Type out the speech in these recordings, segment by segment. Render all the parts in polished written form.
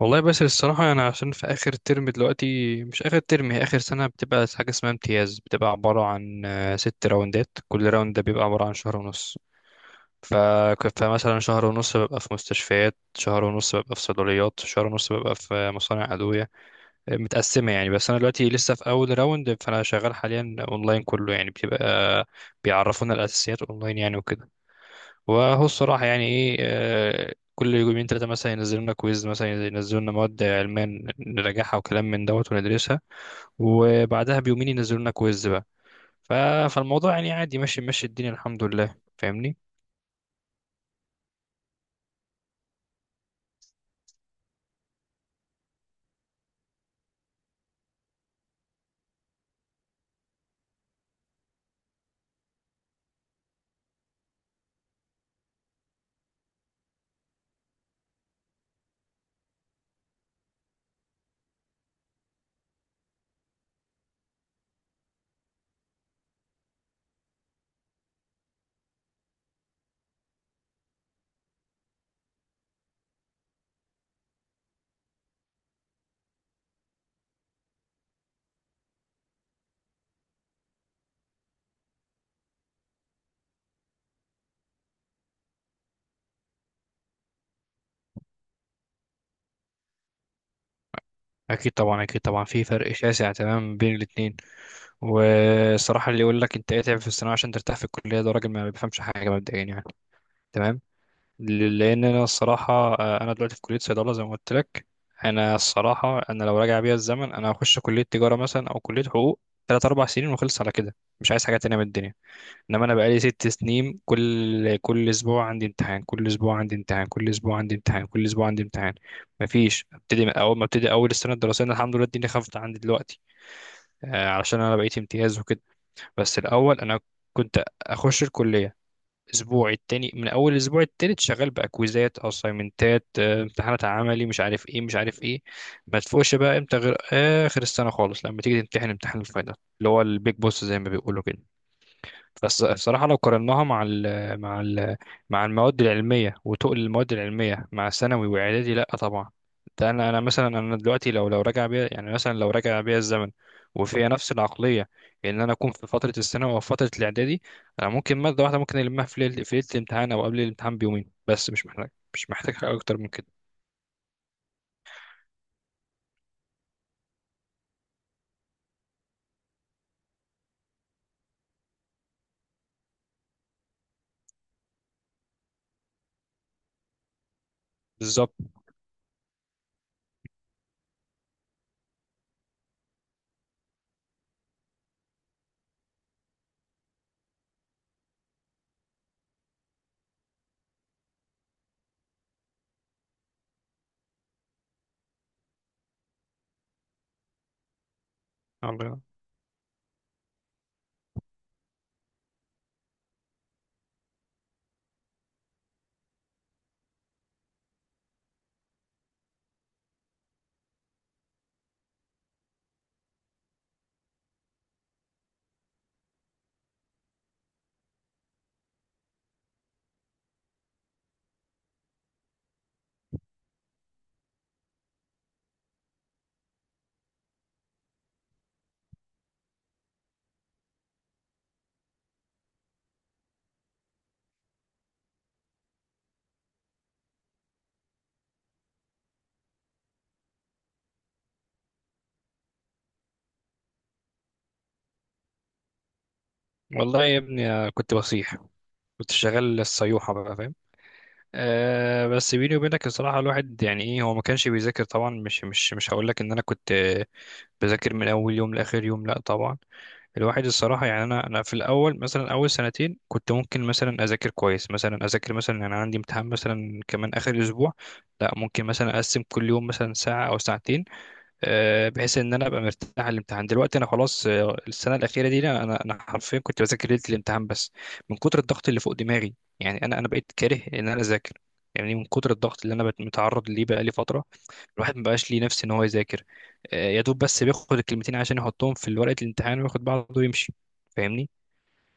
والله بس الصراحة أنا عشان في آخر ترم دلوقتي، مش آخر ترم، هي آخر سنة بتبقى حاجة اسمها امتياز. بتبقى عبارة عن ست راوندات، كل راوند ده بيبقى عبارة عن شهر ونص. ف... فمثلا شهر ونص ببقى في مستشفيات، شهر ونص ببقى في صيدليات، شهر ونص ببقى في مصانع أدوية. متقسمة يعني. بس أنا دلوقتي لسه في أول راوند، فأنا شغال حاليا أونلاين كله يعني. بتبقى بيعرفونا الأساسيات أونلاين يعني وكده. وهو الصراحة يعني إيه، كل يومين تلاتة مثلا ينزلوا لنا كويز، مثلا ينزلوا لنا مواد علمية نراجعها وكلام من دوت وندرسها، وبعدها بيومين ينزلوا لنا كويز بقى. ف- فالموضوع يعني عادي، ماشي ماشي الدنيا، الحمد لله، فاهمني. أكيد طبعا، أكيد طبعا في فرق شاسع تمام بين الاتنين. والصراحة اللي يقول لك أنت اتعب في الثانوية عشان ترتاح في الكلية، ده راجل ما بيفهمش حاجة مبدئيا يعني. تمام. لان انا الصراحه، انا دلوقتي في كليه صيدله زي ما قلت لك. انا الصراحه، انا لو راجع بيا الزمن، انا هخش كليه تجاره مثلا او كليه حقوق، تلات اربع سنين وخلص على كده. مش عايز حاجه تانية من الدنيا. انما انا بقالي ست سنين كل اسبوع عندي امتحان، كل اسبوع عندي امتحان، كل اسبوع عندي امتحان، كل اسبوع عندي امتحان. مفيش. ابتدي من اول ما ابتدي اول السنه الدراسيه. أنا الحمد لله الدنيا خفت عندي دلوقتي، علشان انا بقيت امتياز وكده. بس الاول انا كنت اخش الكليه اسبوع التاني، من اول الاسبوع التالت شغال باكويزات، اسايمنتات، امتحانات عملي، مش عارف ايه مش عارف ايه. ما تفوقش بقى امتى غير اخر السنه خالص، لما تيجي تمتحن امتحان الفاينل اللي هو البيج بوس زي ما بيقولوا كده. بس بصراحة لو قارناها مع ال مع ال مع المواد العلمية وتقل المواد العلمية مع ثانوي وإعدادي، لأ طبعا. ده أنا، أنا مثلا أنا دلوقتي لو لو راجع بيا يعني مثلا لو راجع بيا الزمن وفيها نفس العقلية، إن أنا أكون في فترة الثانوي أو فترة الإعدادي، أنا ممكن مادة واحدة ممكن ألمها في ليلة، في ليلة الامتحان أو قبل الامتحان بيومين بس، مش محتاج حاجة أكتر من كده. بالظبط. والله. والله يا ابني كنت بصيح. كنت شغال الصيوحة بقى، فاهم. أه بس بيني وبينك الصراحة الواحد يعني ايه، هو ما كانش بيذاكر طبعا. مش هقول لك ان انا كنت بذاكر من اول يوم لاخر يوم، لا طبعا. الواحد الصراحة يعني، انا في الاول مثلا اول سنتين كنت ممكن مثلا اذاكر كويس، مثلا اذاكر مثلا يعني عندي امتحان مثلا كمان اخر اسبوع، لا ممكن مثلا اقسم كل يوم مثلا ساعة او ساعتين، بحيث ان انا ابقى مرتاح الامتحان. دلوقتي انا خلاص، السنه الاخيره دي انا أنا حرفيا كنت بذاكر ليله الامتحان بس، من كتر الضغط اللي فوق دماغي. يعني انا بقيت كاره ان انا اذاكر، يعني من كتر الضغط اللي انا متعرض ليه بقى لي فتره. الواحد ما بقاش ليه نفس ان هو يذاكر. يا دوب بس بياخد الكلمتين عشان يحطهم في ورقه الامتحان وياخد بعضه ويمشي، فاهمني.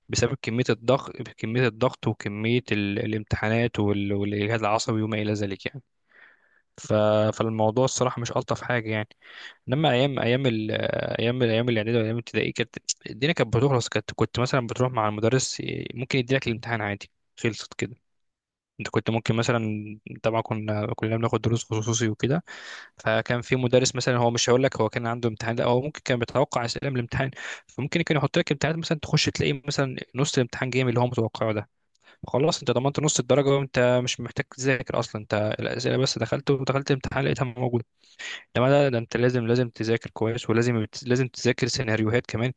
بسبب كميه الضغط، كميه الضغط وكميه الامتحانات وال- والاجهاد العصبي وما الى ذلك يعني. ف... فالموضوع الصراحه مش الطف حاجه يعني. انما ايام ايام الاعدادي وايام الابتدائي كانت الدنيا كانت بتخلص. كانت كنت مثلا بتروح مع المدرس، ممكن يديلك الامتحان عادي، خلصت كده. انت كنت ممكن مثلا، طبعا كنا كلنا بناخد دروس خصوصي وكده، فكان في مدرس مثلا، هو مش هقول لك هو كان عنده امتحان، لا، هو ممكن كان بيتوقع اسئله من الامتحان، فممكن كان يحط لك امتحانات مثلا، تخش تلاقي مثلا نص الامتحان جاي من اللي هو متوقعه ده. خلاص انت ضمنت نص الدرجه وانت مش محتاج تذاكر اصلا. انت الاسئله بس دخلت، ودخلت الامتحان لقيتها موجوده. ده انت لازم تذاكر كويس، ولازم تذاكر سيناريوهات كمان.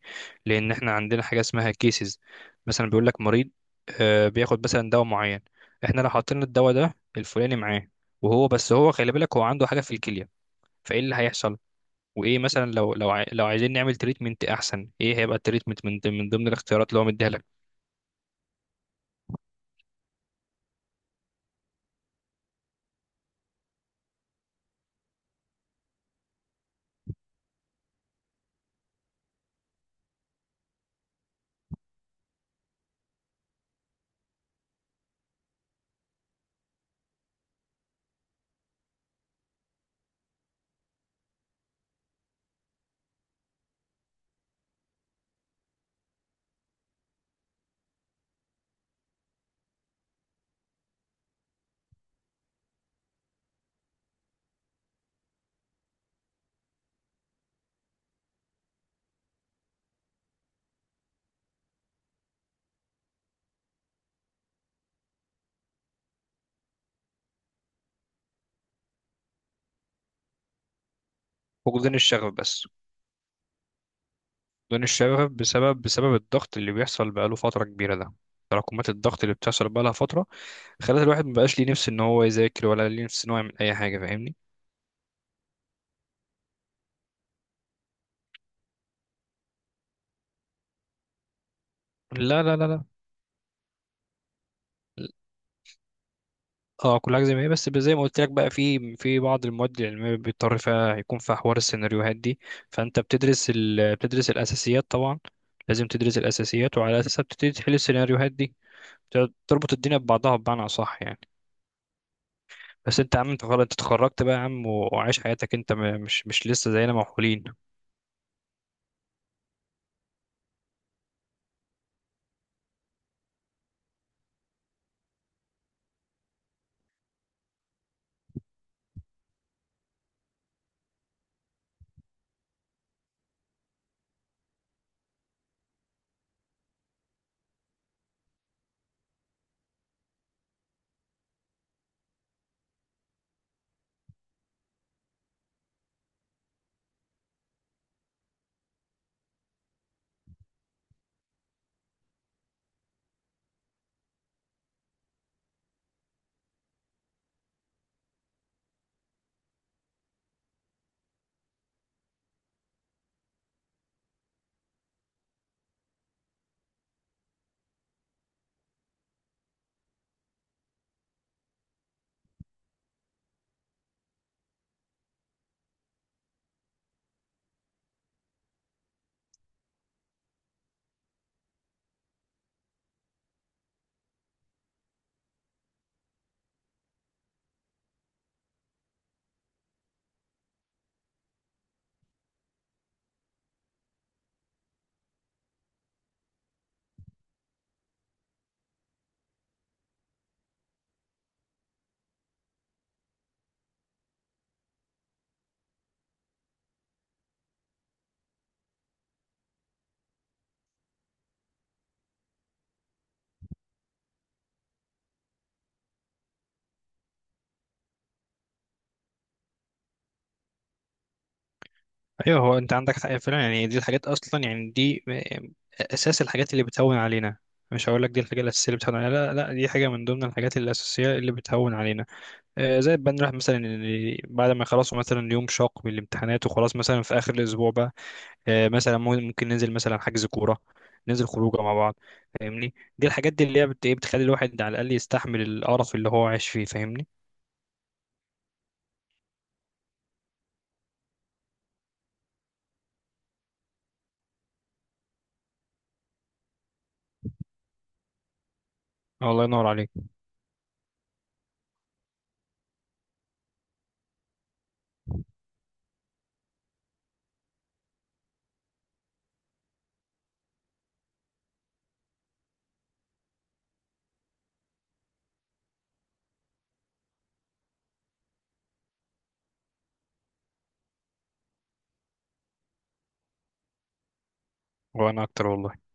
لان احنا عندنا حاجه اسمها كيسز. مثلا بيقول لك مريض بياخد مثلا دواء معين، احنا لو حطينا الدواء ده الفلاني معاه، وهو بس هو خلي بالك هو عنده حاجه في الكليه، فايه اللي هيحصل؟ وايه مثلا لو عايزين نعمل تريتمنت احسن، ايه هيبقى التريتمنت من ضمن الاختيارات اللي هو مديها لك. فقدان الشغف بس. فقدان الشغف بسبب، بسبب الضغط اللي بيحصل بقاله فتره كبيره ده. تراكمات الضغط اللي بتحصل بقالها فتره، خلت الواحد مبقاش ليه نفس ان هو يذاكر ولا ليه نفس ان هو يعمل اي حاجه، فاهمني. لا. اه كل حاجه زي ما هي، بس زي ما قلت لك بقى، في بعض المواد العلميه بيضطر فيها يكون فيها حوار السيناريوهات دي. فانت بتدرس الاساسيات طبعا، لازم تدرس الاساسيات، وعلى اساسها بتبتدي تحل السيناريوهات دي. تربط الدنيا ببعضها بمعنى اصح يعني. بس انت يا عم انت خلاص، انت اتخرجت بقى يا عم، و وعايش حياتك، انت مش لسه زينا موحولين. ايوه هو انت عندك حق فعلا يعني. دي الحاجات اصلا يعني، دي اساس الحاجات اللي بتهون علينا. مش هقول لك دي الحاجه الاساسيه اللي بتهون علينا، لا لا، دي حاجه من ضمن الحاجات الاساسيه اللي بتهون علينا. زي بنروح مثلا بعد ما يخلصوا مثلا يوم شاق من الامتحانات وخلاص، مثلا في اخر الاسبوع بقى، مثلا ممكن ننزل مثلا حجز كوره، ننزل خروجه مع بعض، فاهمني. دي الحاجات دي اللي هي بت- إيه، بتخلي الواحد على الاقل يستحمل القرف اللي هو عايش فيه، فاهمني. الله ينور عليك. وانا اكتر والله.